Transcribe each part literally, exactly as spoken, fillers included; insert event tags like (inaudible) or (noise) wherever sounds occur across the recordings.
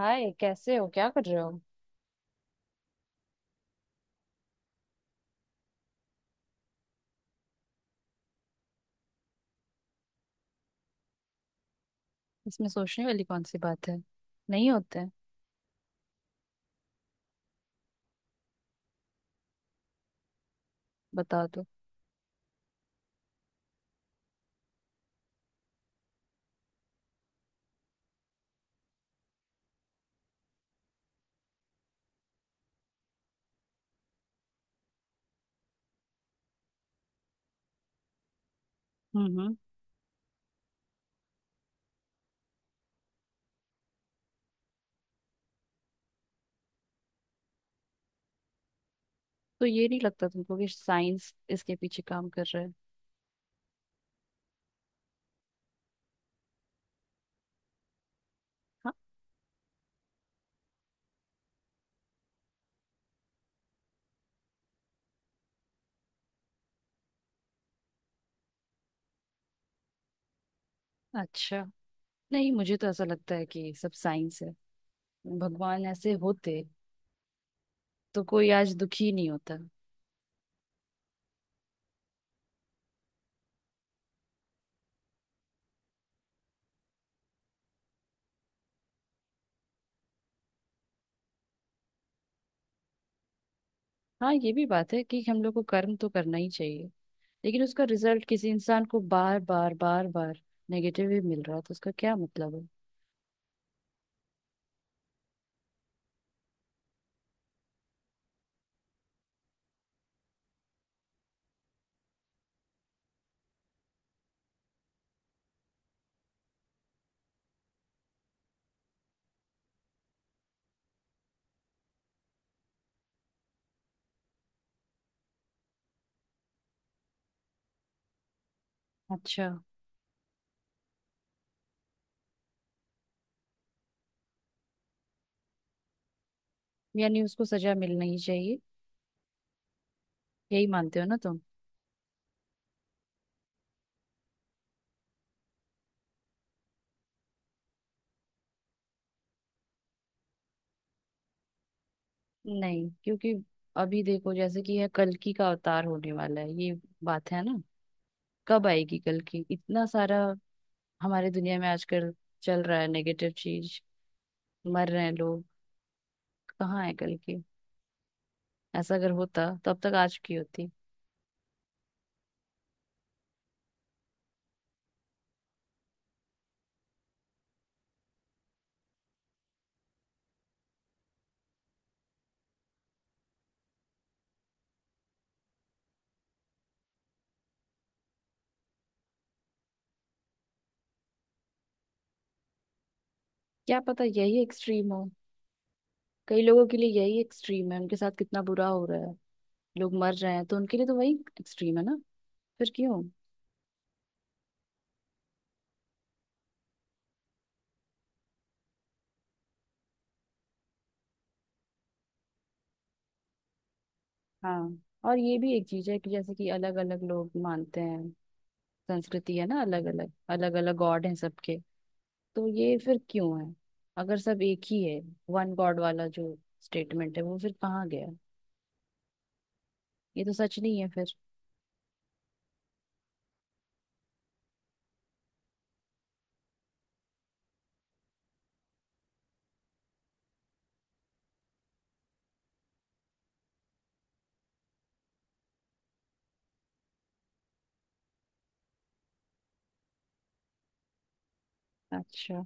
हाय, कैसे हो? क्या कर रहे हो? इसमें सोचने वाली कौन सी बात है। नहीं होते हैं। बता दो। हम्म। हम्म। तो ये नहीं लगता तुमको कि साइंस इसके पीछे काम कर रहा है? हाँ। अच्छा। नहीं, मुझे तो ऐसा लगता है कि सब साइंस है। भगवान ऐसे होते तो कोई आज दुखी नहीं होता। हाँ, ये भी बात है कि हम लोग को कर्म तो करना ही चाहिए, लेकिन उसका रिजल्ट किसी इंसान को बार बार बार बार नेगेटिव ही मिल रहा है तो उसका क्या मतलब है? अच्छा। यानी उसको सजा मिलना ही चाहिए, यही मानते हो ना तुम? नहीं, क्योंकि अभी देखो जैसे कि यह कल्कि का अवतार होने वाला है, ये बात है ना। कब आएगी कल्कि? इतना सारा हमारे दुनिया में आजकल चल रहा है, नेगेटिव चीज। मर रहे हैं लोग। कहाँ है कल्कि? ऐसा अगर होता तो अब तक आज की होती। क्या पता यही एक्सट्रीम हो। कई लोगों के लिए यही एक्सट्रीम है, उनके साथ कितना बुरा हो रहा है। लोग मर रहे हैं तो उनके लिए तो वही एक्सट्रीम है ना। फिर क्यों? हाँ। और ये भी एक चीज है कि जैसे कि अलग अलग लोग मानते हैं, संस्कृति है ना, अलग अलग अलग अलग गॉड है सबके। तो ये फिर क्यों है? अगर सब एक ही है, वन गॉड वाला जो स्टेटमेंट है वो फिर कहाँ गया? ये तो सच नहीं है फिर। अच्छा।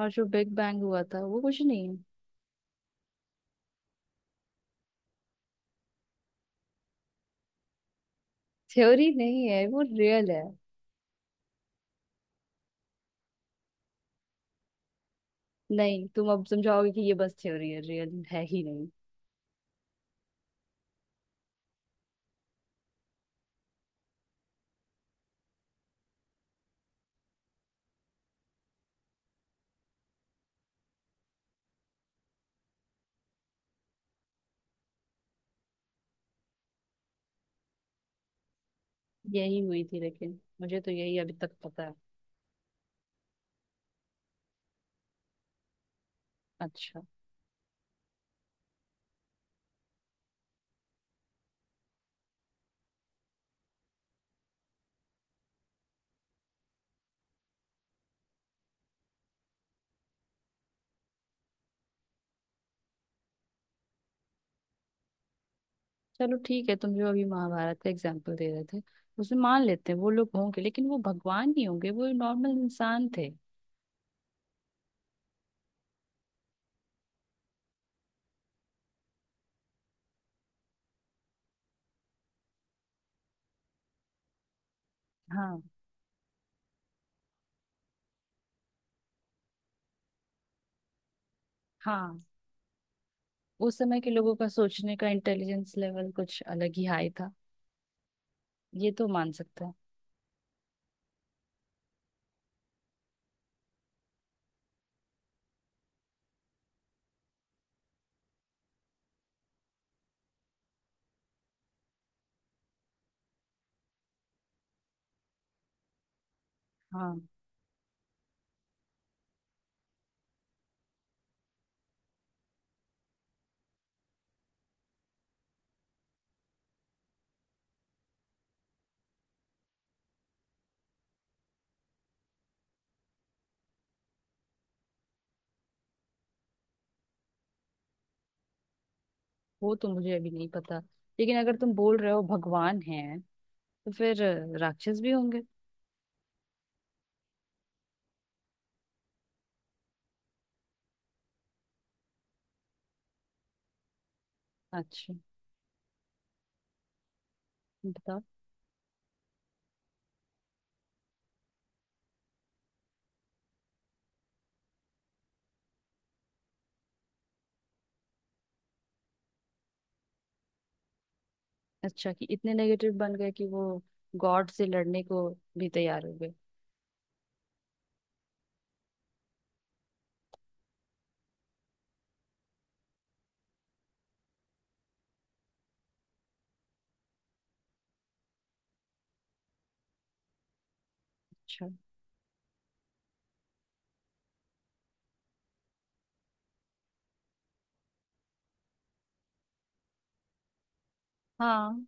और जो बिग बैंग हुआ था वो कुछ नहीं है? थ्योरी नहीं है वो, रियल है। नहीं, तुम अब समझाओगे कि ये बस थ्योरी है, रियल है ही नहीं। यही हुई थी, लेकिन मुझे तो यही अभी तक पता है। अच्छा। चलो ठीक है, तुम जो अभी महाभारत का एग्जाम्पल दे रहे थे, उसमें मान लेते हैं वो लोग होंगे, लेकिन वो भगवान नहीं होंगे, वो नॉर्मल इंसान थे। हाँ। हाँ, उस समय के लोगों का सोचने का इंटेलिजेंस लेवल कुछ अलग ही हाई था। ये तो मान सकता है। हाँ। वो तो मुझे अभी नहीं पता, लेकिन अगर तुम बोल रहे हो भगवान हैं तो फिर अ, राक्षस भी होंगे। अच्छा। बताओ। अच्छा, कि इतने नेगेटिव बन गए कि वो गॉड से लड़ने को भी तैयार हो गए? अच्छा। हाँ।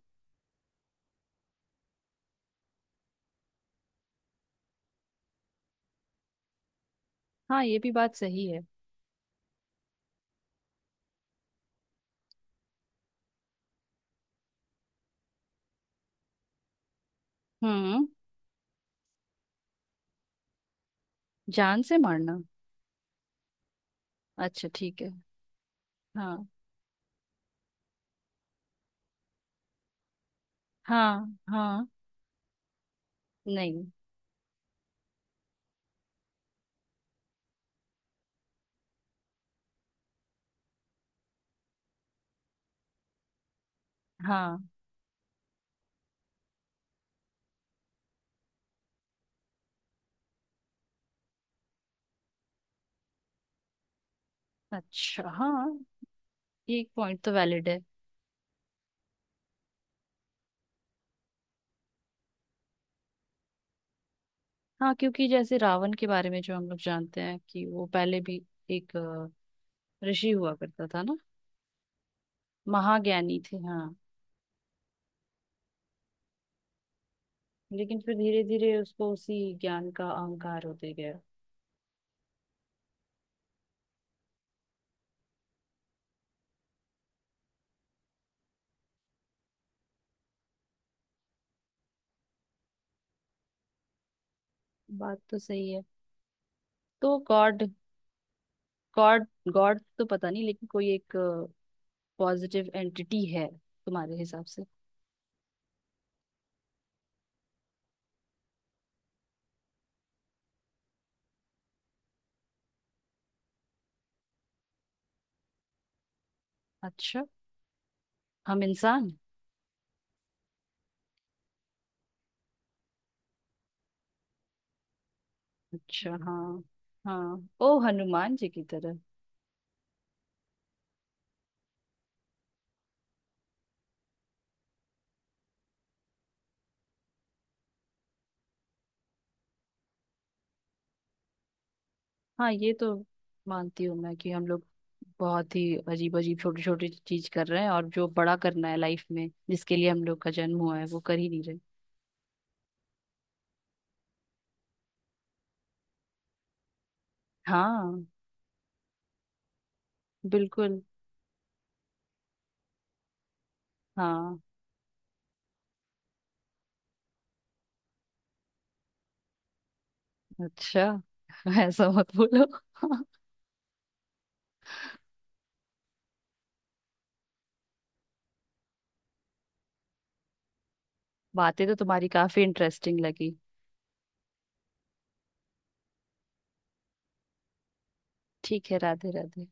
हाँ, ये भी बात सही है। हम्म। जान से मारना। अच्छा, ठीक है। हाँ। हाँ। हाँ। नहीं। हाँ। अच्छा, हाँ। ये एक पॉइंट तो वैलिड है। हाँ, क्योंकि जैसे रावण के बारे में जो हम लोग जानते हैं कि वो पहले भी एक अ, ऋषि हुआ करता था ना। महाज्ञानी थे, हाँ। लेकिन फिर धीरे धीरे उसको उसी ज्ञान का अहंकार होते गया। बात तो सही है। तो गॉड, गॉड, गॉड तो पता नहीं, लेकिन कोई एक पॉजिटिव एंटिटी है तुम्हारे हिसाब से? अच्छा। हम इंसान? अच्छा, हाँ। हाँ, ओ हनुमान जी की तरह। हाँ, ये तो मानती हूँ मैं कि हम लोग बहुत ही अजीब अजीब छोटी छोटी चीज कर रहे हैं और जो बड़ा करना है लाइफ में, जिसके लिए हम लोग का जन्म हुआ है, वो कर ही नहीं रहे। हाँ। बिल्कुल। हाँ। अच्छा। (laughs) ऐसा मत बोलो। (laughs) बातें तो तुम्हारी काफी इंटरेस्टिंग लगी। ठीक है, राधे राधे।